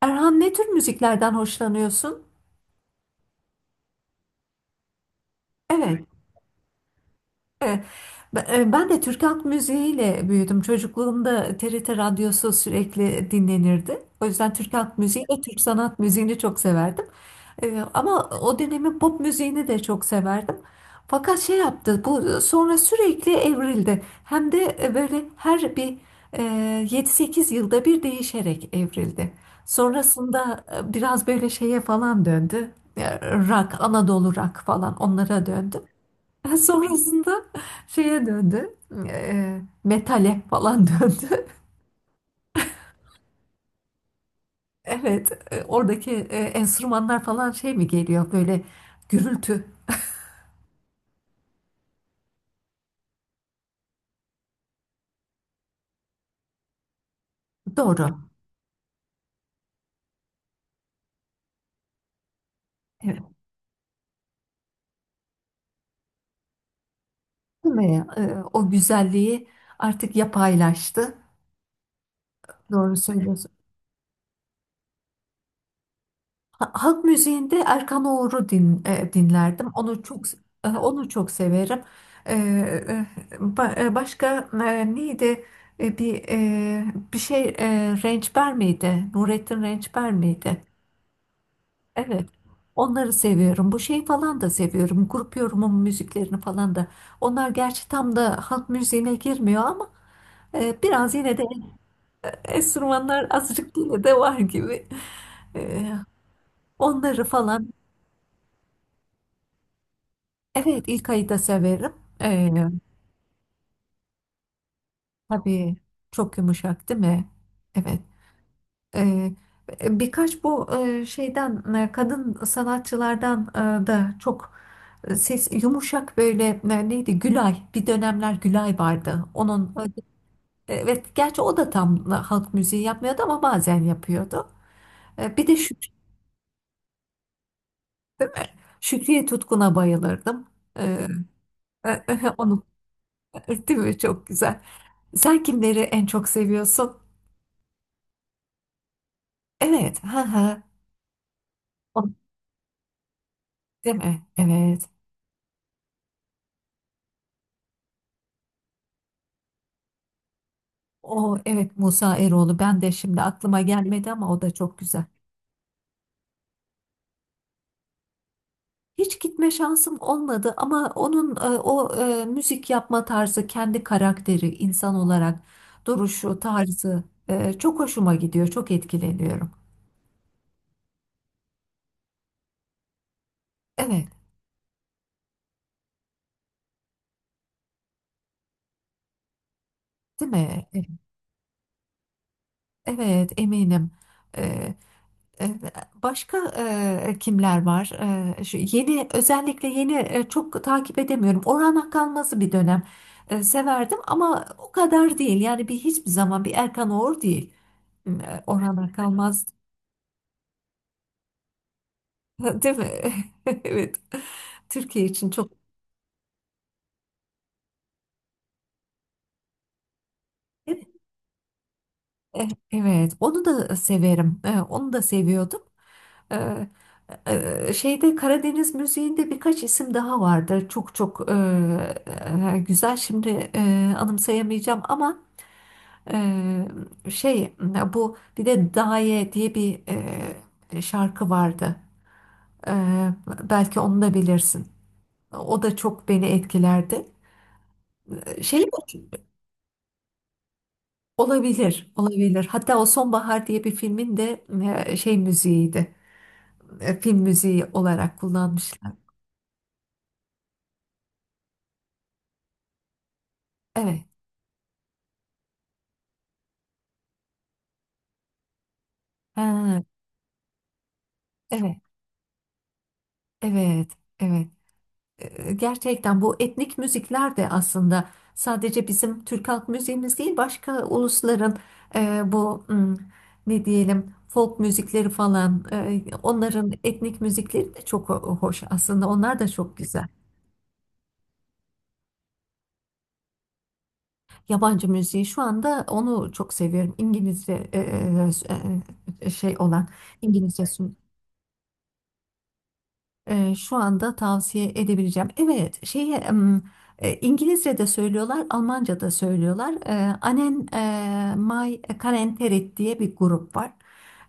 Erhan, ne tür müziklerden hoşlanıyorsun? Evet. E, ben de Türk halk müziğiyle büyüdüm. Çocukluğumda TRT radyosu sürekli dinlenirdi. O yüzden Türk halk müziği ve Türk sanat müziğini çok severdim. Ama o dönemin pop müziğini de çok severdim. Fakat şey yaptı, bu sonra sürekli evrildi. Hem de böyle her bir e, 7-8 yılda bir değişerek evrildi. Sonrasında biraz böyle şeye falan döndü. E, Rock, Anadolu rock falan onlara döndü. Sonrasında şeye döndü. Metale falan döndü. Evet, oradaki enstrümanlar falan şey mi geliyor böyle, gürültü. Doğru. Evet. Değil mi? O güzelliği artık yapaylaştı. Doğru söylüyorsun. Halk müziğinde Erkan Oğur'u dinlerdim. Onu çok severim. E, e, Başka neydi? E, bir e, bir şey, Rençber miydi? Nurettin Rençber miydi? Evet. Onları seviyorum. Bu şeyi falan da seviyorum. Grup yorumun müziklerini falan da. Onlar gerçi tam da halk müziğine girmiyor ama biraz yine de enstrümanlar azıcık yine de var gibi. E, Onları falan. Evet, ilk ayı da severim. Ee, tabii, çok yumuşak, değil mi? Evet. Ee, Birkaç, bu şeyden, kadın sanatçılardan da çok ses yumuşak böyle, neydi? Gülay. Bir dönemler Gülay vardı. Onun, evet, gerçi o da tam halk müziği yapmıyordu ama bazen yapıyordu. Bir de Şükriye Tutkun'a bayılırdım. Ee, Onu değil mi? Çok güzel. Sen kimleri en çok seviyorsun? Evet. Ha. O, değil mi? Evet. O, evet. Musa Eroğlu. Ben de şimdi aklıma gelmedi ama o da çok güzel. Hiç gitme şansım olmadı ama onun o müzik yapma tarzı, kendi karakteri, insan olarak duruşu, tarzı çok hoşuma gidiyor. Çok etkileniyorum. Evet, değil mi? Evet, evet, eminim. E, E, Başka kimler var? Şu yeni, özellikle yeni çok takip edemiyorum. Orhan Akalmaz'ı bir dönem severdim ama o kadar değil. Yani bir, hiçbir zaman bir Erkan Oğur değil. Orhan Akalmaz değil mi? Evet. Türkiye için çok. E, Evet, onu da severim. Onu da seviyordum. Şeyde, Karadeniz müziğinde birkaç isim daha vardı. Çok çok güzel. Şimdi anımsayamayacağım ama e, şey, bu bir de Daye diye bir şarkı vardı. E, Belki onu da bilirsin. O da çok beni etkilerdi. Şey, olabilir, olabilir. Hatta o Sonbahar diye bir filmin de şey müziğiydi. Film müziği olarak kullanmışlar. Evet. Ha, evet. Evet. Evet. Gerçekten bu etnik müzikler de aslında sadece bizim Türk halk müziğimiz değil, başka ulusların bu, ne diyelim, folk müzikleri falan, onların etnik müzikleri de çok hoş, aslında onlar da çok güzel. Yabancı müziği şu anda onu çok seviyorum, İngilizce şey olan İngilizce. Şu anda tavsiye edebileceğim. Evet, şeye, İngilizce'de söylüyorlar, Almanca'da söylüyorlar. Anen May Kalenterit diye bir grup var.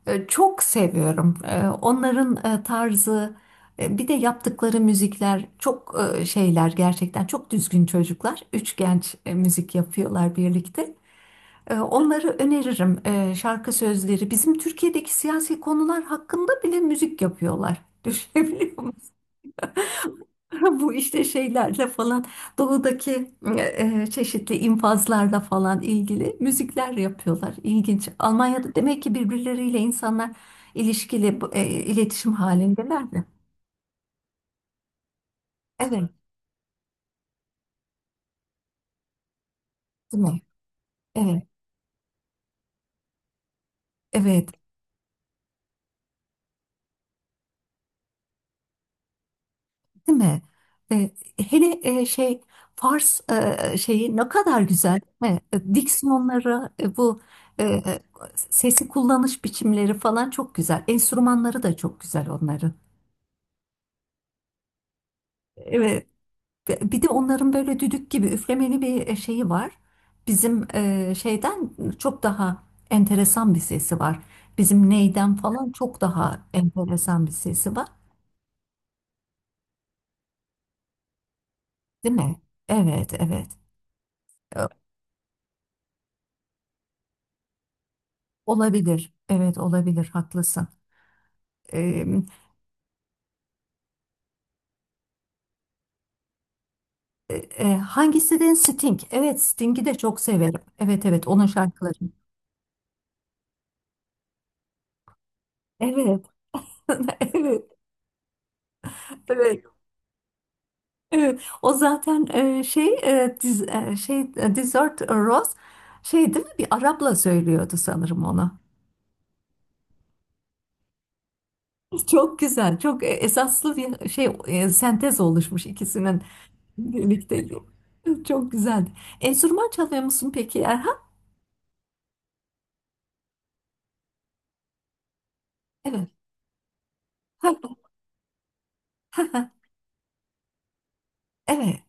Çok seviyorum. Onların tarzı, bir de yaptıkları müzikler çok şeyler, gerçekten çok düzgün çocuklar. Üç genç müzik yapıyorlar birlikte. Onları öneririm. Şarkı sözleri, bizim Türkiye'deki siyasi konular hakkında bile müzik yapıyorlar. Düşünebiliyor. Bu işte şeylerle falan, doğudaki e, çeşitli infazlarla falan ilgili müzikler yapıyorlar. İlginç. Almanya'da demek ki birbirleriyle insanlar ilişkili, iletişim halindeler mi? Evet, değil mi? Evet, evet, değil mi? E, Hele şey, Fars şeyi ne kadar güzel, değil mi? Diksiyonları, bu e, e, sesi kullanış biçimleri falan çok güzel. Enstrümanları da çok güzel onların. Evet. Ve bir de onların böyle düdük gibi üflemeli bir şeyi var. Bizim şeyden çok daha enteresan bir sesi var. Bizim neyden falan çok daha enteresan bir sesi var, değil mi? Evet, evet. E, Olabilir. Evet, olabilir. Haklısın. E, Hangisi Sting? Evet, Sting'i de çok severim. Evet, evet. Onun şarkıları. Evet. Evet. Evet. Evet, o zaten e, şey e, diz, e, şey e, Desert Rose şey, değil mi? Bir Arap'la söylüyordu sanırım onu. Çok güzel, çok esaslı bir şey, sentez oluşmuş ikisinin birlikte. Evet, çok güzel. Enstrüman çalıyor musun peki Erhan? Evet. Ha, ha, ha. Evet.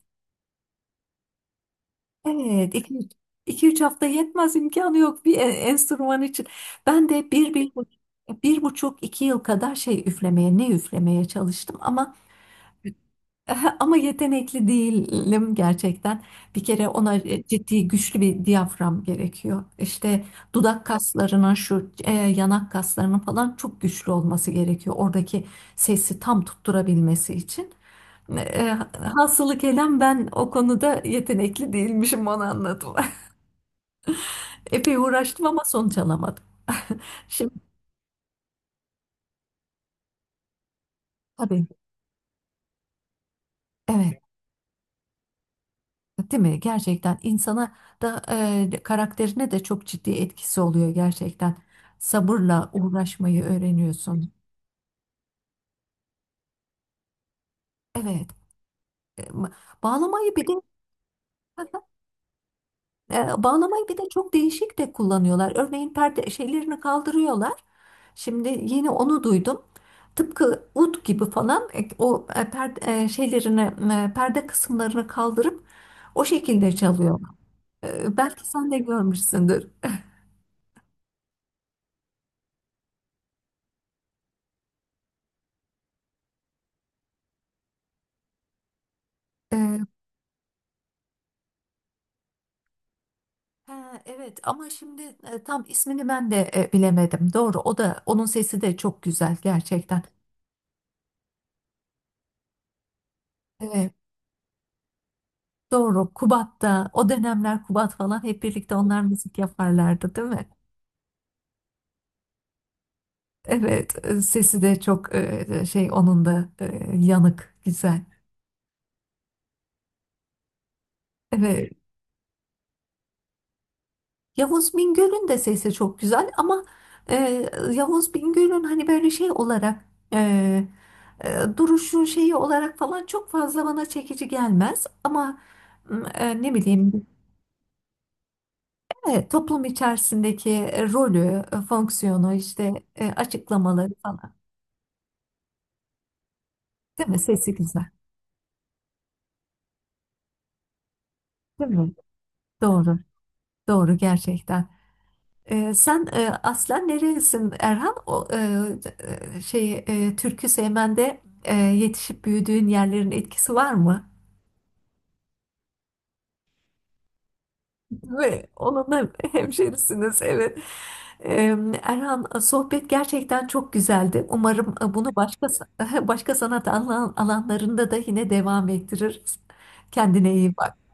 Evet. İki üç hafta yetmez, imkanı yok bir enstrüman için. Ben de bir buçuk iki yıl kadar şey üflemeye, ne üflemeye çalıştım ama ama yetenekli değilim gerçekten. Bir kere ona ciddi, güçlü bir diyafram gerekiyor. İşte dudak kaslarının, şu yanak kaslarının falan çok güçlü olması gerekiyor. Oradaki sesi tam tutturabilmesi için. E, e, Hasılı kelam, ben o konuda yetenekli değilmişim, onu anladım. Epey uğraştım ama sonuç alamadım. Şimdi, tabii. Evet. Değil mi? Gerçekten insana da, karakterine de çok ciddi etkisi oluyor gerçekten. Sabırla uğraşmayı öğreniyorsun. Evet. e, ma- Bağlamayı bir de Bağlamayı bir de çok değişik de kullanıyorlar. Örneğin perde şeylerini kaldırıyorlar. Şimdi yeni onu duydum. Tıpkı ud gibi falan, o perde e, şeylerini e, perde kısımlarını kaldırıp o şekilde çalıyorlar. Belki sen de görmüşsündür. Ha, evet ama şimdi tam ismini ben de bilemedim. Doğru, o da, onun sesi de çok güzel gerçekten. Evet, doğru, Kubat'ta o dönemler Kubat falan hep birlikte onlar müzik yaparlardı, değil mi? Evet, sesi de çok şey, onun da yanık, güzel. Evet, Yavuz Bingöl'ün de sesi çok güzel ama e, Yavuz Bingöl'ün hani böyle şey olarak e, duruşu, şeyi olarak falan çok fazla bana çekici gelmez ama ne bileyim, toplum içerisindeki rolü, fonksiyonu, işte açıklamaları falan. Değil mi? Sesi güzel. Değil mi? Doğru. Doğru gerçekten. Sen aslen nerelisin Erhan? O şey, türkü sevmende yetişip büyüdüğün yerlerin etkisi var mı? Ve onun hemşerisiniz, evet. Erhan, sohbet gerçekten çok güzeldi. Umarım bunu başka başka sanat alanlarında da yine devam ettiririz. Kendine iyi bak.